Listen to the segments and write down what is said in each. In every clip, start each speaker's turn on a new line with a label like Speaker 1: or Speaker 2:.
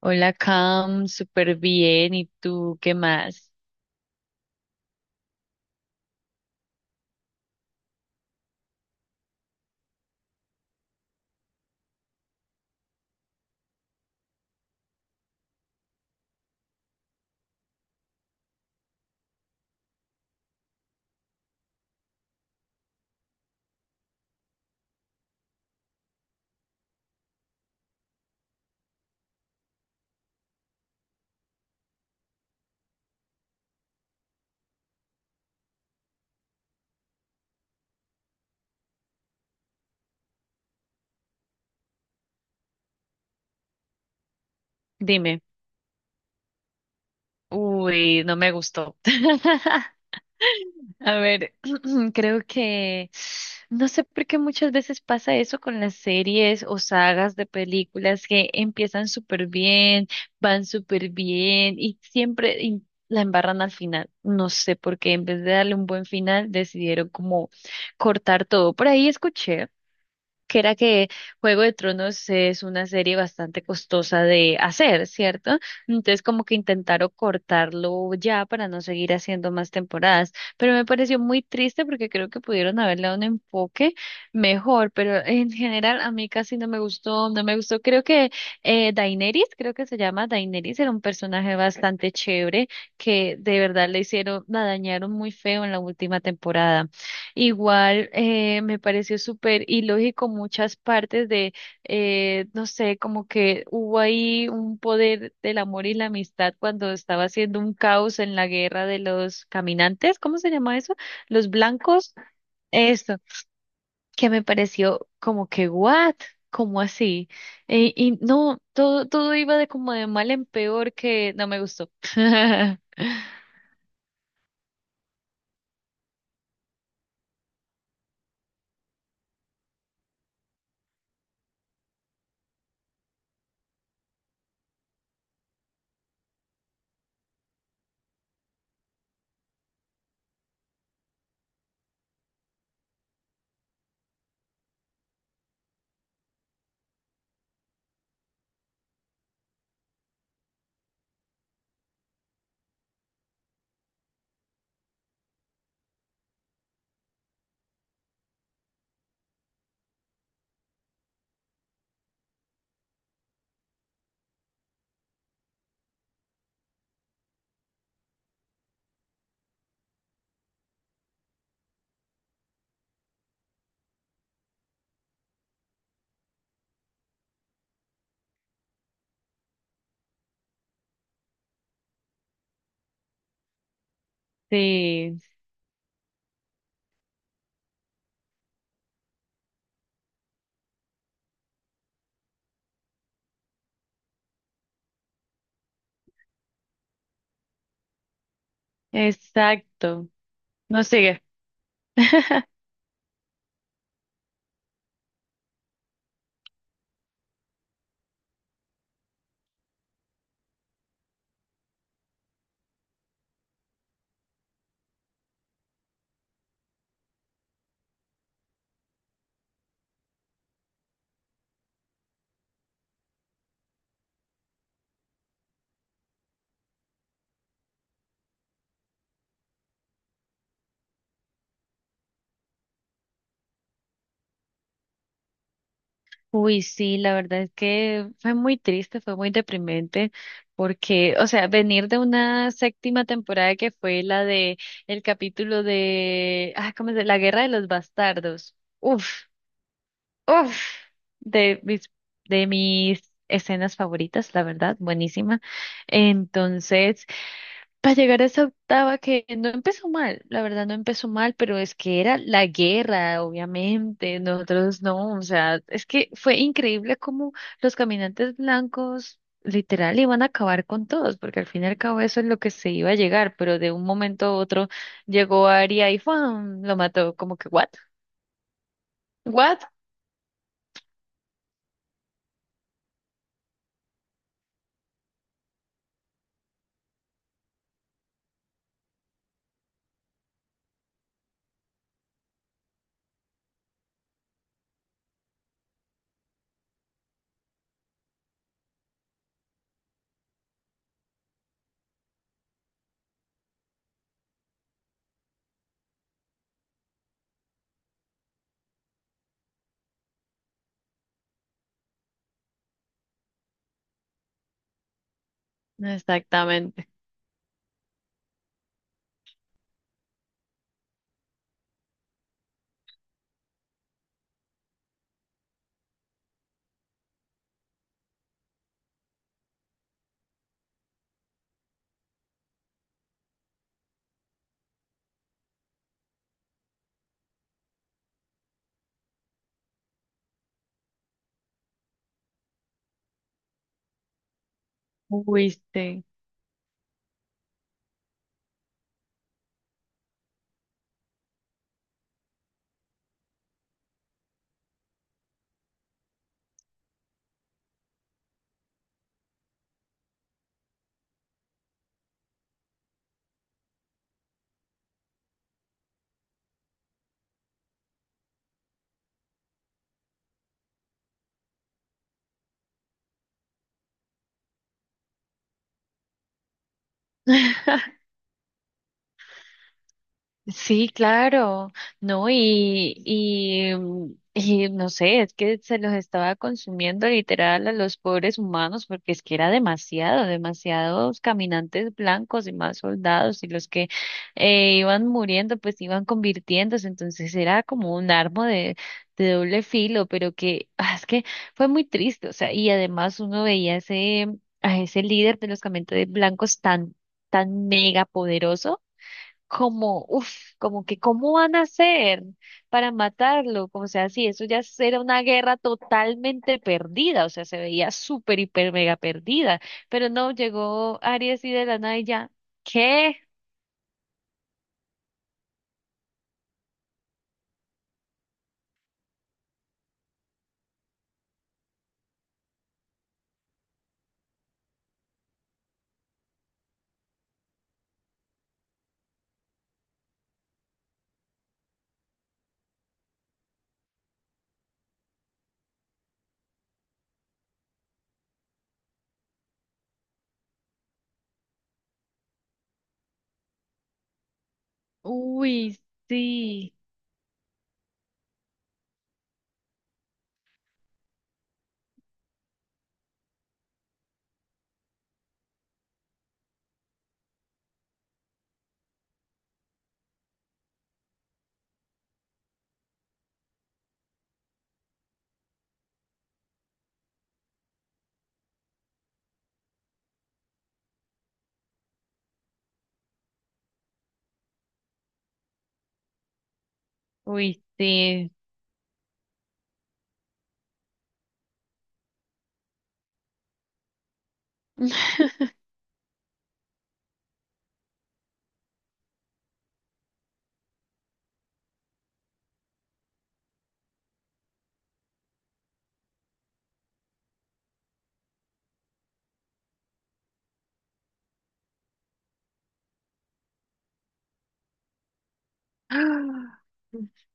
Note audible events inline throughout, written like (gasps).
Speaker 1: Hola, Cam, súper bien. ¿Y tú qué más? Dime. Uy, no me gustó. (laughs) A ver, (clears throat) creo que no sé por qué muchas veces pasa eso con las series o sagas de películas que empiezan súper bien, van súper bien y siempre la embarran al final. No sé por qué, en vez de darle un buen final, decidieron como cortar todo. Por ahí escuché que era que Juego de Tronos es una serie bastante costosa de hacer, ¿cierto? Entonces como que intentaron cortarlo ya para no seguir haciendo más temporadas, pero me pareció muy triste porque creo que pudieron haberle dado un enfoque mejor, pero en general a mí casi no me gustó, no me gustó. Creo que Daenerys, creo que se llama Daenerys, era un personaje bastante chévere que de verdad le hicieron, la dañaron muy feo en la última temporada. Igual me pareció súper ilógico muchas partes no sé, como que hubo ahí un poder del amor y la amistad cuando estaba haciendo un caos en la guerra de los caminantes, ¿cómo se llama eso? Los blancos, eso, que me pareció como que, ¿what? ¿Cómo así? Y no, todo, todo iba de como de mal en peor que no me gustó. (laughs) Sí, exacto. No sigue. (laughs) Uy, sí, la verdad es que fue muy triste, fue muy deprimente, porque, o sea, venir de una séptima temporada que fue la de el capítulo de, ah, ¿cómo se? La Guerra de los Bastardos. Uf, uf, de mis, de mis escenas favoritas, la verdad, buenísima. Entonces, para llegar a esa octava que no empezó mal, la verdad no empezó mal, pero es que era la guerra, obviamente, nosotros no, o sea, es que fue increíble cómo los caminantes blancos literal iban a acabar con todos, porque al fin y al cabo eso es lo que se iba a llegar, pero de un momento a otro llegó Aria y ¡fum! Lo mató, como que, ¿what? ¿What? Exactamente. Fuiste. Sí, claro, no, mm, y no sé, es que se los estaba consumiendo literal a los pobres humanos porque es que era demasiado, demasiados caminantes blancos y más soldados y los que iban muriendo pues iban convirtiéndose, entonces era como un arma de doble filo, pero que ah, es que fue muy triste, o sea, y además uno veía ese, a ese líder de los caminantes blancos tan, tan mega poderoso como, uff, como que cómo van a hacer para matarlo, como sea así, eso ya era una guerra totalmente perdida, o sea, se veía súper, hiper, mega perdida, pero no, llegó Aries y de la nada y ya, ¿qué? Uy, sí, uy, sí. (laughs)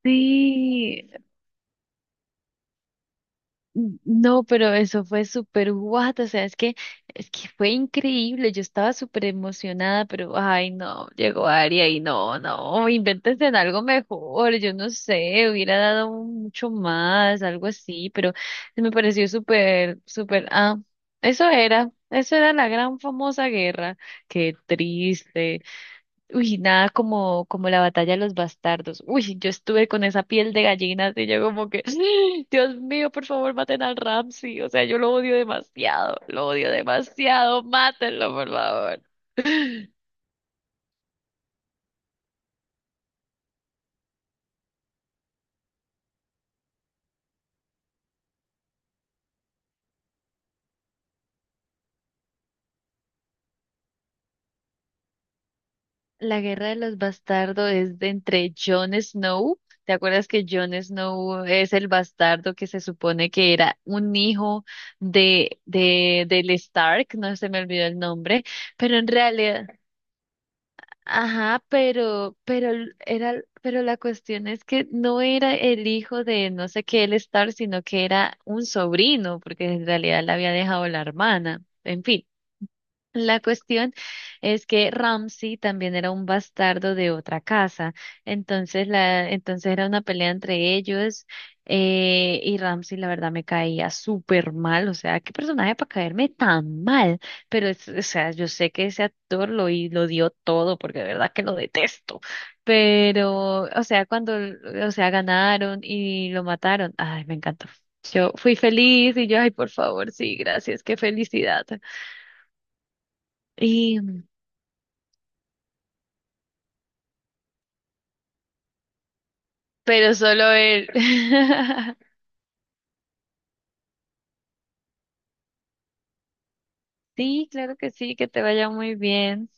Speaker 1: Sí, no, pero eso fue súper guau, o sea, es que fue increíble, yo estaba súper emocionada, pero ay no, llegó Aria y no, no, invéntense en algo mejor, yo no sé, hubiera dado mucho más, algo así, pero me pareció súper, súper, ah, eso era la gran famosa guerra, qué triste. Uy, nada como, como la batalla de los bastardos. Uy, yo estuve con esa piel de gallina, y yo como que, (gasps) Dios mío, por favor, maten al Ramsey. O sea, yo lo odio demasiado, mátenlo, por favor. (gasps) (laughs) La guerra de los bastardos es de entre Jon Snow. ¿Te acuerdas que Jon Snow es el bastardo que se supone que era un hijo del Stark? No se me olvidó el nombre, pero en realidad. Ajá, era, pero la cuestión es que no era el hijo de no sé qué el Star, sino que era un sobrino, porque en realidad la había dejado la hermana. En fin. La cuestión es que Ramsey también era un bastardo de otra casa, entonces era una pelea entre ellos y Ramsey la verdad me caía súper mal, o sea, qué personaje para caerme tan mal, pero es, o sea, yo sé que ese actor lo, y lo dio todo porque de verdad que lo detesto, pero, o sea, o sea, ganaron y lo mataron, ay, me encantó. Yo fui feliz y yo, ay, por favor, sí, gracias, qué felicidad. Y pero solo él. (laughs) Sí, claro que sí, que te vaya muy bien.